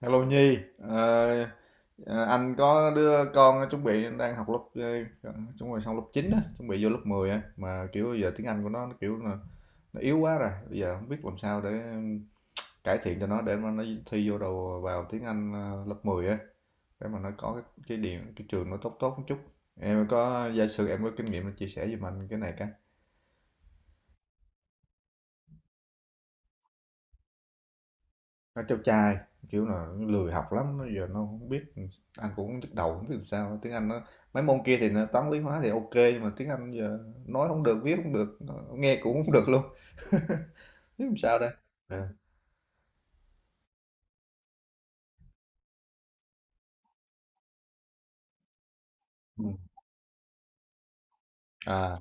Hello Nhi. Ờ, ờ, anh có đứa con chuẩn bị đang học lớp chuẩn bị xong lớp 9 á, chuẩn bị vô lớp 10, á mà kiểu giờ tiếng Anh của nó kiểu là nó yếu quá rồi, bây giờ không biết làm sao để cải thiện cho nó để mà nó thi vô đầu vào tiếng Anh lớp 10 á, để mà nó có cái điểm cái trường nó tốt tốt một chút. Em có giả sử em có kinh nghiệm chia sẻ giùm anh cái này cái. Nó cháu trai, kiểu là nó lười học lắm, nó giờ nó không biết. Anh cũng hông nhức đầu, không biết làm sao. Tiếng Anh nó mấy môn kia thì nó Toán, Lý, Hóa thì ok nhưng mà tiếng Anh giờ nói không được, viết không được, nghe cũng không được luôn, biết làm sao đây. Ờ. Ừm. À.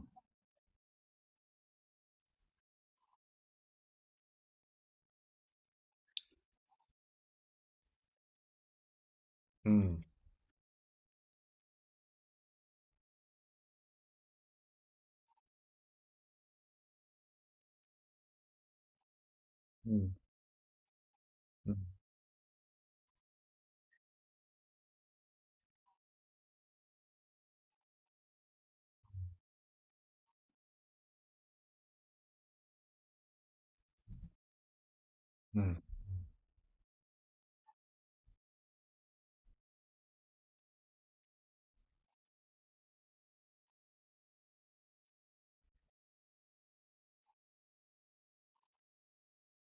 Ừ, ừ, ừm, ừm.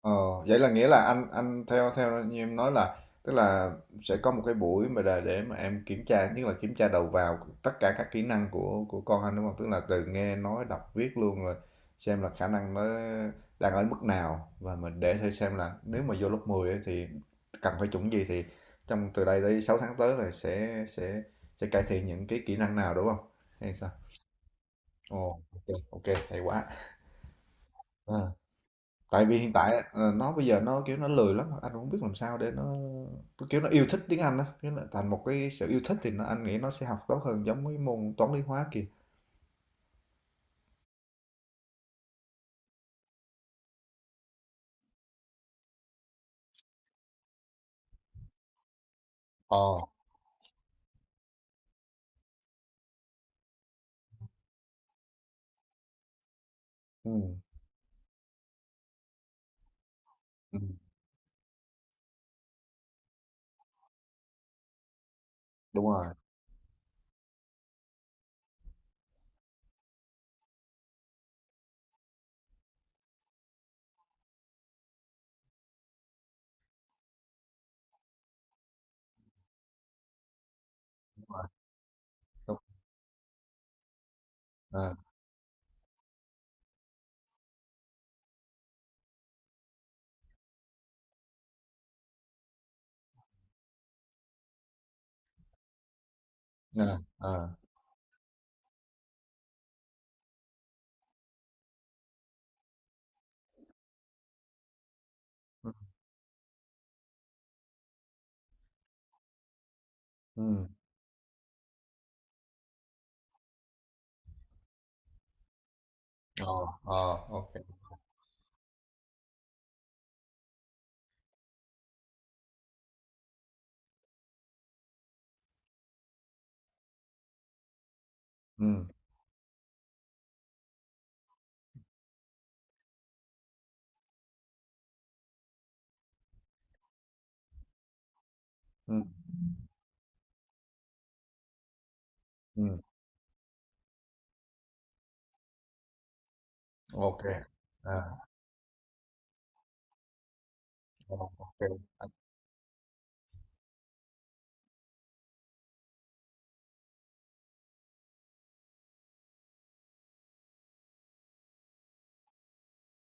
Ờ, vậy là nghĩa là anh theo theo như em nói là, tức là sẽ có một cái buổi mà để mà em kiểm tra, nhất là kiểm tra đầu vào tất cả các kỹ năng của con anh đúng không? Tức là từ nghe nói đọc viết luôn rồi, xem là khả năng nó đang ở mức nào, và mình để thử xem là nếu mà vô lớp 10 ấy, thì cần phải chuẩn gì, thì trong từ đây tới 6 tháng tới là sẽ cải thiện những cái kỹ năng nào đúng không? Hay sao? Ồ, ok, ok, hay quá, tại vì hiện tại nó bây giờ nó kiểu nó lười lắm, anh cũng không biết làm sao để nó kiểu nó yêu thích tiếng Anh á, kiểu nó thành một cái sự yêu thích thì nó, anh nghĩ nó sẽ học tốt hơn giống với môn toán lý hóa kia. Ờ. Ừ, ừ, đúng rồi, đúng rồi, đúng. À, ừ, ờ, ừ, ờ, ờ, ok. Ừ, ừ, ừ, ừ, ok. À, ờ, ok.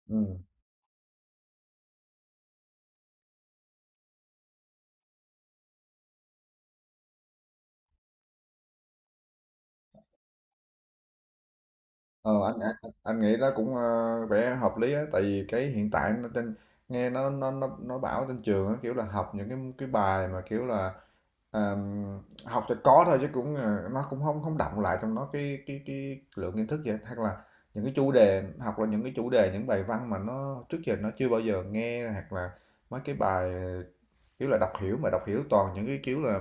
Ừ. Ờ, anh, anh nghĩ đó cũng vẻ hợp lý á, tại vì cái hiện tại nó trên nghe nó bảo trên trường á kiểu là học những cái bài mà kiểu là, học cho có thôi chứ cũng nó cũng không không đọng lại trong nó cái lượng kiến thức vậy, hoặc là những cái chủ đề học là những cái chủ đề, những bài văn mà nó trước giờ nó chưa bao giờ nghe, hoặc là mấy cái bài kiểu là đọc hiểu, mà đọc hiểu toàn những cái, kiểu là,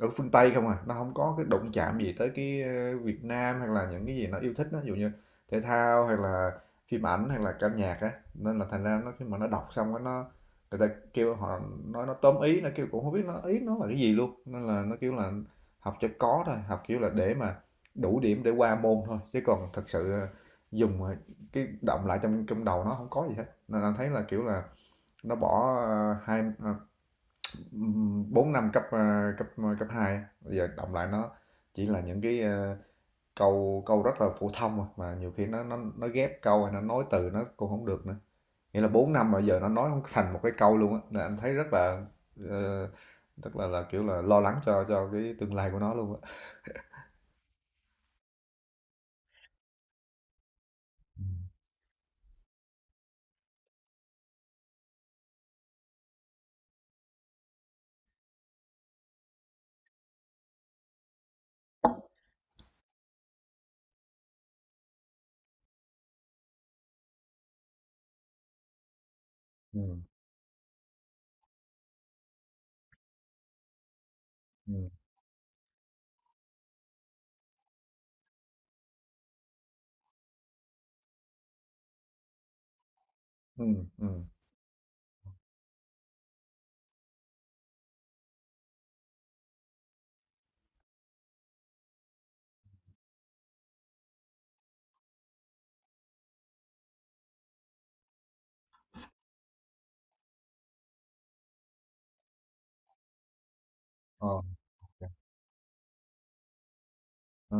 ở phương Tây không à, nó không có cái đụng chạm gì tới cái, Việt Nam hay là những cái gì nó yêu thích á, ví dụ như thể thao hay là phim ảnh hay là ca nhạc á. Nên là thành ra nó khi mà nó đọc xong cái nó, người ta kêu họ nói nó tóm ý, nó kêu cũng không biết nó ý nó là cái gì luôn. Nên là nó, kiểu là, học cho có thôi, học, kiểu là, để mà đủ điểm để qua môn thôi, chứ còn thật sự, dùng, cái động lại trong trong đầu nó không có gì hết. Nên là thấy là, kiểu là, nó bỏ, 4 năm cấp hai bây giờ động lại nó chỉ là những cái câu câu rất là phổ thông à, mà nhiều khi nó ghép câu hay nó nói từ nó cũng không được nữa. Nghĩa là 4 năm mà giờ nó nói không thành một cái câu luôn á, là anh thấy rất là, ờ, rất là kiểu là lo lắng cho cái tương lai của nó luôn á. Ừ. Ừ. Ừ. Ừ. Ờ, ok. Ờ.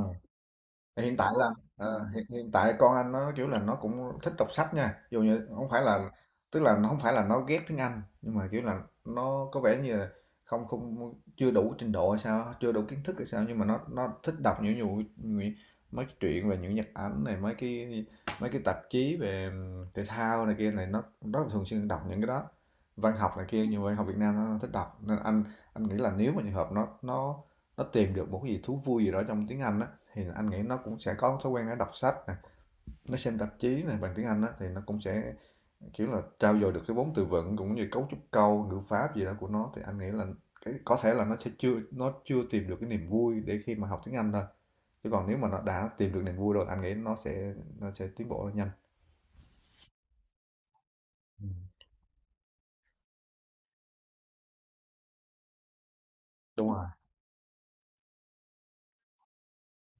Hiện tại là hiện tại con anh nó kiểu là nó cũng thích đọc sách nha, dù như không phải là, tức là nó không phải là nó ghét tiếng Anh, nhưng mà kiểu là nó có vẻ như là không không chưa đủ trình độ hay sao, chưa đủ kiến thức hay sao, nhưng mà nó thích đọc nhiều- mấy cái truyện về những nhật ảnh này, mấy cái tạp chí về thể thao này kia này, nó thường xuyên đọc những cái đó, văn học này kia, nhiều văn học Việt Nam nó thích đọc, nên anh nghĩ là nếu mà trường hợp nó tìm được một cái gì thú vui gì đó trong tiếng Anh á, thì anh nghĩ nó cũng sẽ có thói quen nó đọc sách nè, nó xem tạp chí này bằng tiếng Anh á thì nó cũng sẽ kiểu là trau dồi được cái vốn từ vựng cũng như cấu trúc câu ngữ pháp gì đó của nó, thì anh nghĩ là cái có thể là nó sẽ chưa nó chưa tìm được cái niềm vui để khi mà học tiếng Anh thôi, chứ còn nếu mà nó đã tìm được niềm vui rồi anh nghĩ nó sẽ tiến bộ rất nhanh. Ừ, đúng rồi.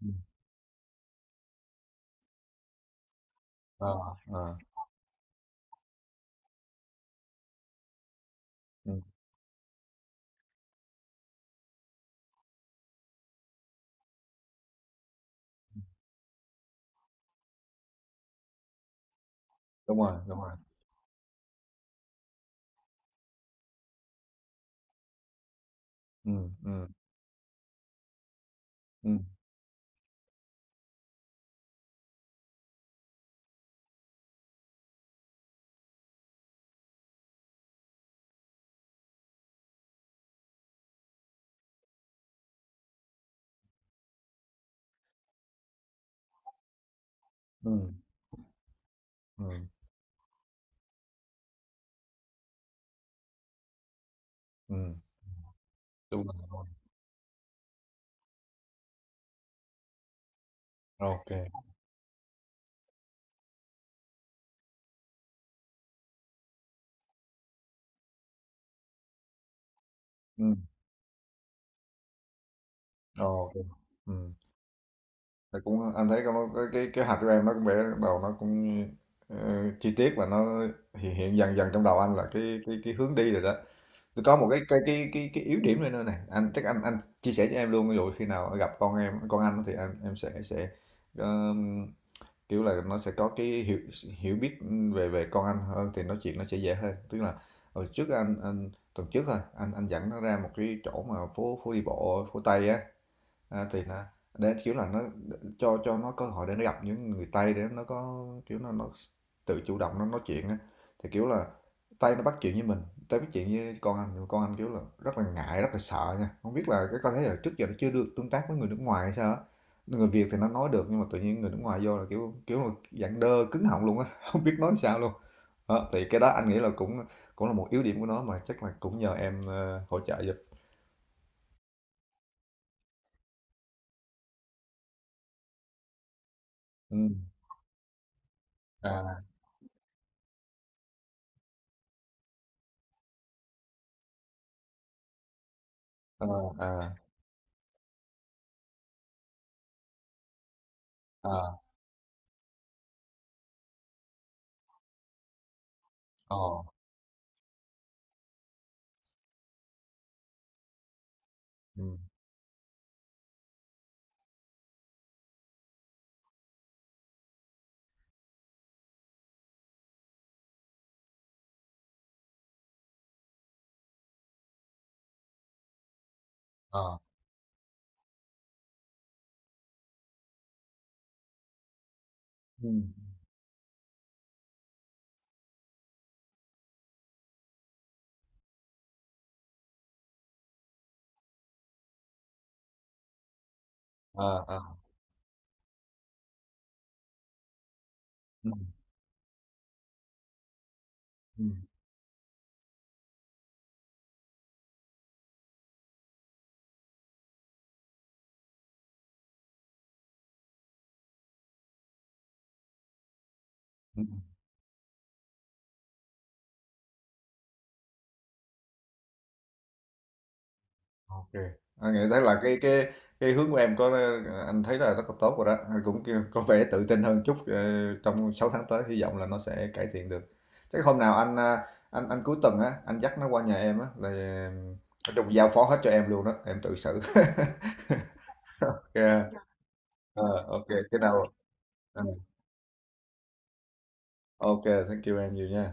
Ừ. Ờ, ờ, ừ. Đúng rồi, đúng rồi, ừ, ừ, ừ, ừ, ừ, ừ. Đúng rồi, đúng rồi, ok. Ừ, ok. Ừ. Thì cũng anh thấy cái hạt của em nó cũng vẽ đầu nó cũng ờ, chi tiết, và nó hiện hiện dần dần trong đầu anh là cái hướng đi rồi đó. Tôi có một cái yếu điểm này nữa này, anh chắc anh chia sẻ cho em luôn, ví dụ khi nào gặp con em con anh thì em sẽ um, kiểu là nó sẽ có cái hiểu hiểu biết về về con anh hơn thì nói chuyện nó sẽ dễ hơn. Tức là hồi trước anh tuần trước thôi anh dẫn nó ra một cái chỗ mà phố phố đi bộ phố Tây á. À, thì nó, để kiểu là nó, cho nó cơ hội để nó gặp những người Tây, để nó có kiểu nó tự chủ động nó nói chuyện á. Thì kiểu là Tây nó bắt chuyện với mình, Tây bắt chuyện với con anh, nhưng con anh kiểu là rất là ngại rất là sợ nha, không biết là cái con thấy là trước giờ nó chưa được tương tác với người nước ngoài hay sao á. Người Việt thì nó nói được, nhưng mà tự nhiên người nước ngoài vô là kiểu kiểu là dạng đơ cứng họng luôn á không biết nói sao luôn. Đó, thì cái đó anh nghĩ là cũng cũng là một yếu điểm của nó, mà chắc là cũng nhờ em hỗ trợ giúp. Ừ. À, à, à, à. Ờ, ừ, ờ, ừ. Ờ, ờ, ừ, ừ, ừ, ok. À, nghĩ thấy là cái hướng của em có, anh thấy là rất là tốt rồi đó. Anh cũng có vẻ tự tin hơn chút, trong 6 tháng tới hy vọng là nó sẽ cải thiện được. Chắc hôm nào anh, anh cuối tuần á, anh dắt nó qua nhà em á, là nói chung giao phó hết cho em luôn đó, em tự xử. Ok. Ờ, ok, cái nào. ờ, Ok, thank you em nhiều nha.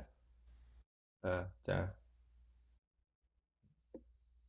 Ờ, chào.